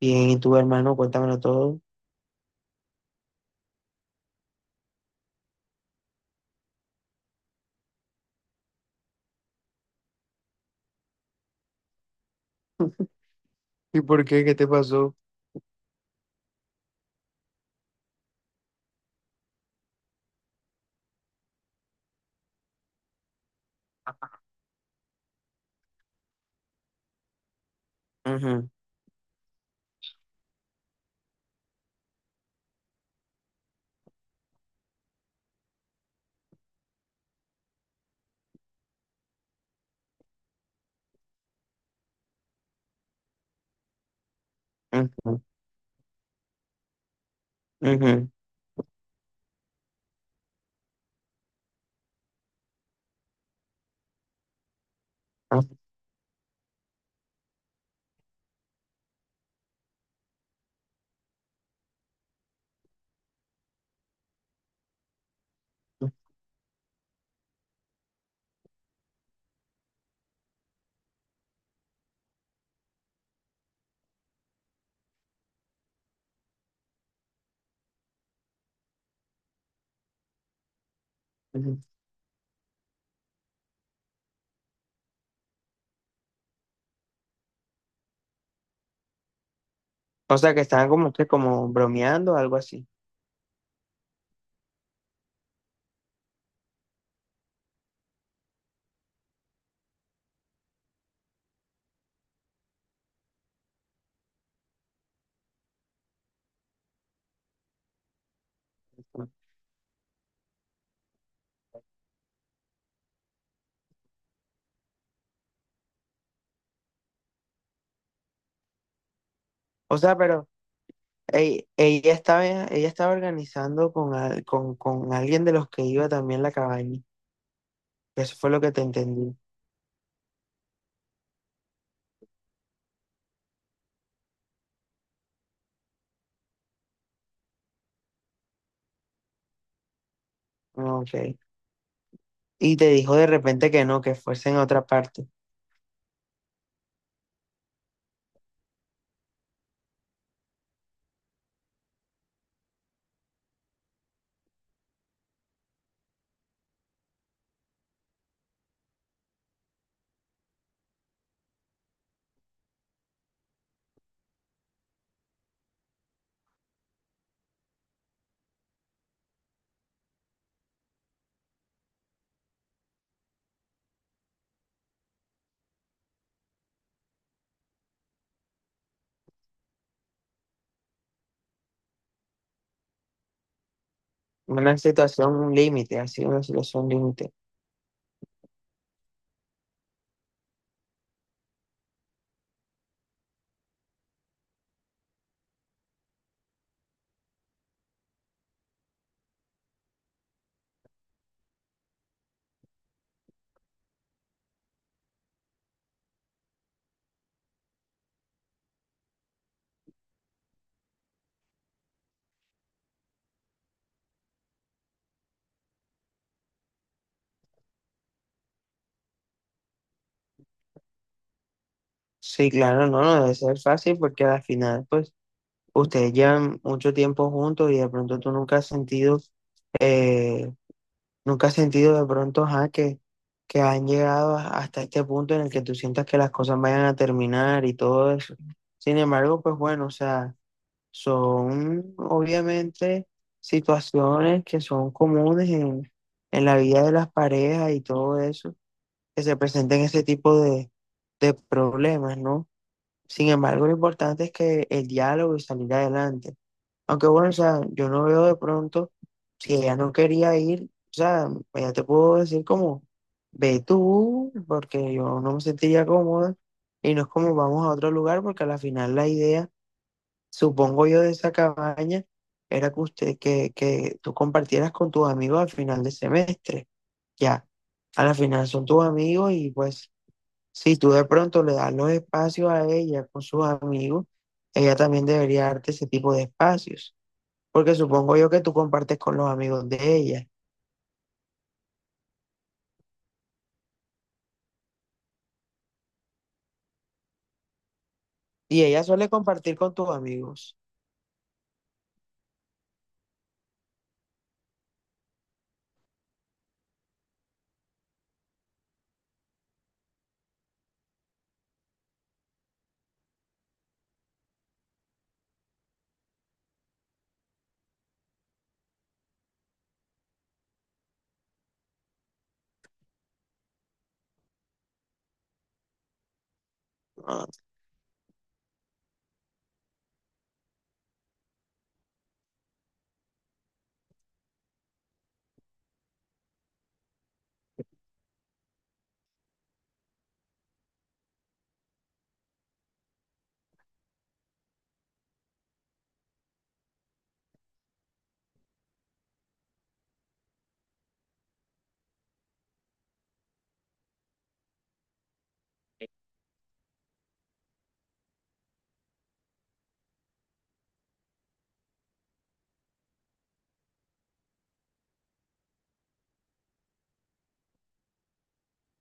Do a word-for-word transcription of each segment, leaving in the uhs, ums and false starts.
Bien, ¿y tú, hermano? Cuéntamelo todo. ¿Y por qué? ¿Qué te pasó? Ujú, ujú, ujú, ah, ujú, ujú. O sea, que estaban como que como bromeando, o algo así. O sea, pero ey, ella estaba, ella estaba organizando con, al- con, con alguien de los que iba también la cabaña. Eso fue lo que te entendí. Ah, ok. Y te dijo de repente que no, que fuese en otra parte. Una situación, un límite, así, una situación límite. Sí, claro, no, no debe ser fácil porque al final, pues, ustedes llevan mucho tiempo juntos y de pronto tú nunca has sentido, eh, nunca has sentido de pronto, ajá, que, que han llegado a- hasta este punto en el que tú sientas que las cosas vayan a terminar y todo eso. Sin embargo, pues bueno, o sea. Son obviamente situaciones que son comunes en, en la vida de las parejas y todo eso, que se presenten ese tipo de, de problemas, ¿no? Sin embargo, lo importante es que el diálogo y salir adelante. Aunque bueno, o sea, yo no veo de pronto si ella no quería ir, o sea, ella te puedo decir como, ve tú, porque yo no me sentiría cómoda y no es como vamos a otro lugar, porque a la final la idea, supongo yo, de esa cabaña era que usted, que, que tú compartieras con tus amigos al final de semestre. Ya, a la final son tus amigos y pues si tú de pronto le das los espacios a ella con sus amigos, ella también debería darte ese tipo de espacios. Porque supongo yo que tú compartes con los amigos de ella y ella suele compartir con tus amigos. Ah,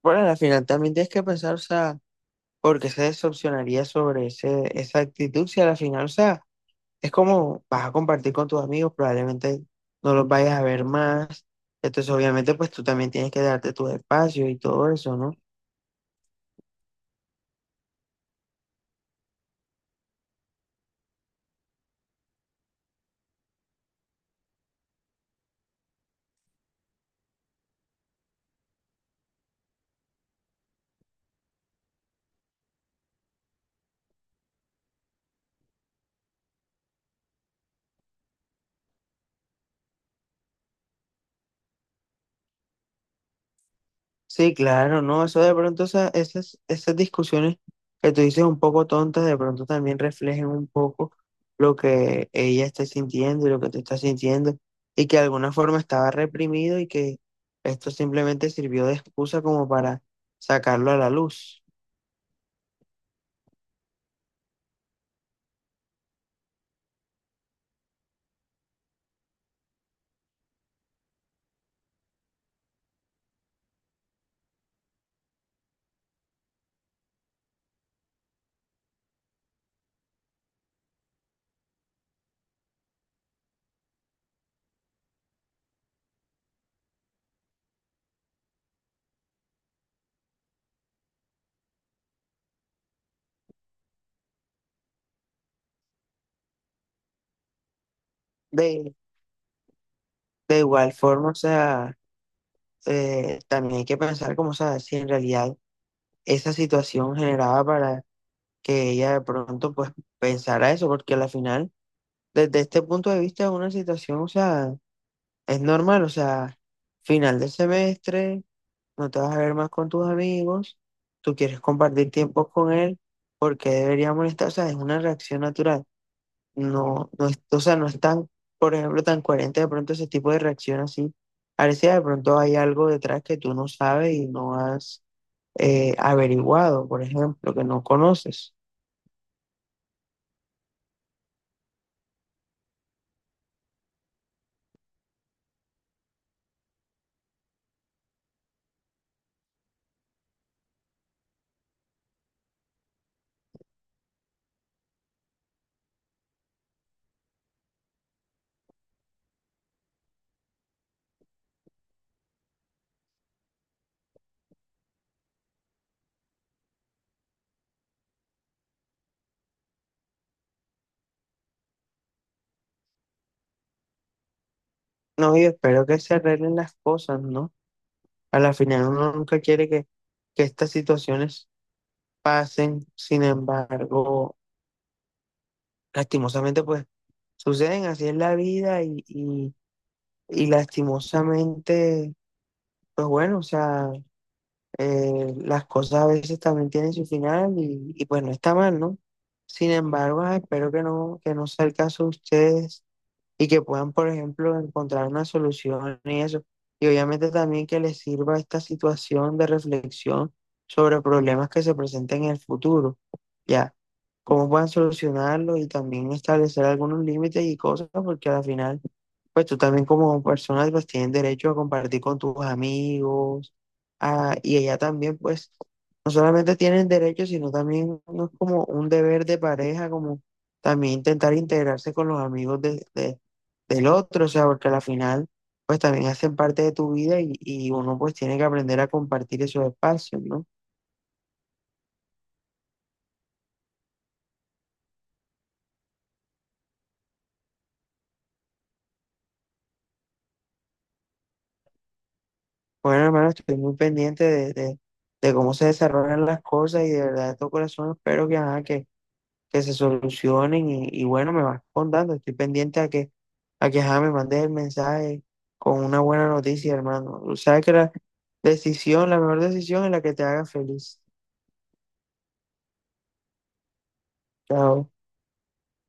bueno, al final también tienes que pensar, o sea, por qué se decepcionaría sobre ese, esa actitud si a la final, o sea... Es como vas a compartir con tus amigos, probablemente no los vayas a ver más. Entonces, obviamente, pues tú también tienes que darte tus espacios y todo eso, ¿no? Sí, claro, ¿no? Eso de pronto, esa- esas, esas discusiones que tú dices un poco tontas, de pronto también reflejen un poco lo que ella está sintiendo y lo que tú estás sintiendo, y que de alguna forma estaba reprimido y que esto simplemente sirvió de excusa como para sacarlo a la luz. De, de igual forma, o sea... eh, también hay que pensar como, sabes, si en realidad esa situación generaba para que ella de pronto pues pensara eso, porque al final, desde este punto de vista, es una situación, o sea, es normal, o sea, final del semestre, no te vas a ver más con tus amigos, tú quieres compartir tiempo con él, ¿porque debería molestar? O sea, es una reacción natural, no, no es, o sea, no es tan, por ejemplo, tan coherente de pronto ese tipo de reacción así. Parece de pronto hay algo detrás que tú no sabes y no has eh, averiguado, por ejemplo, que no conoces. No, yo espero que se arreglen las cosas, ¿no? A la final uno nunca quiere que, que estas situaciones pasen, sin embargo, lastimosamente pues suceden, así es la vida y, y, y lastimosamente, pues bueno, o sea, eh, las cosas a veces también tienen su final y, y pues no está mal, ¿no? Sin embargo, ah, espero que no, que no sea el caso de ustedes, y que puedan, por ejemplo, encontrar una solución y eso. Y obviamente también que les sirva esta situación de reflexión sobre problemas que se presenten en el futuro, ¿ya? Cómo puedan solucionarlo y también establecer algunos límites y cosas, porque al final, pues tú también como persona pues tienes derecho a compartir con tus amigos, a- y ella también pues no solamente tienen derecho, sino también no es como un deber de pareja, como también intentar integrarse con los amigos de, de- del otro, o sea, porque al final pues también hacen parte de tu vida y, y uno pues tiene que aprender a compartir esos espacios, ¿no? Bueno, hermano, estoy muy pendiente de, de, de cómo se desarrollan las cosas y de verdad de todo corazón espero que, ajá, que, que se solucionen y, y bueno, me vas contando, estoy pendiente a que, a que ajá, me mandes el mensaje con una buena noticia, hermano. Sabes que la decisión, la mejor decisión es la que te haga feliz. Chao.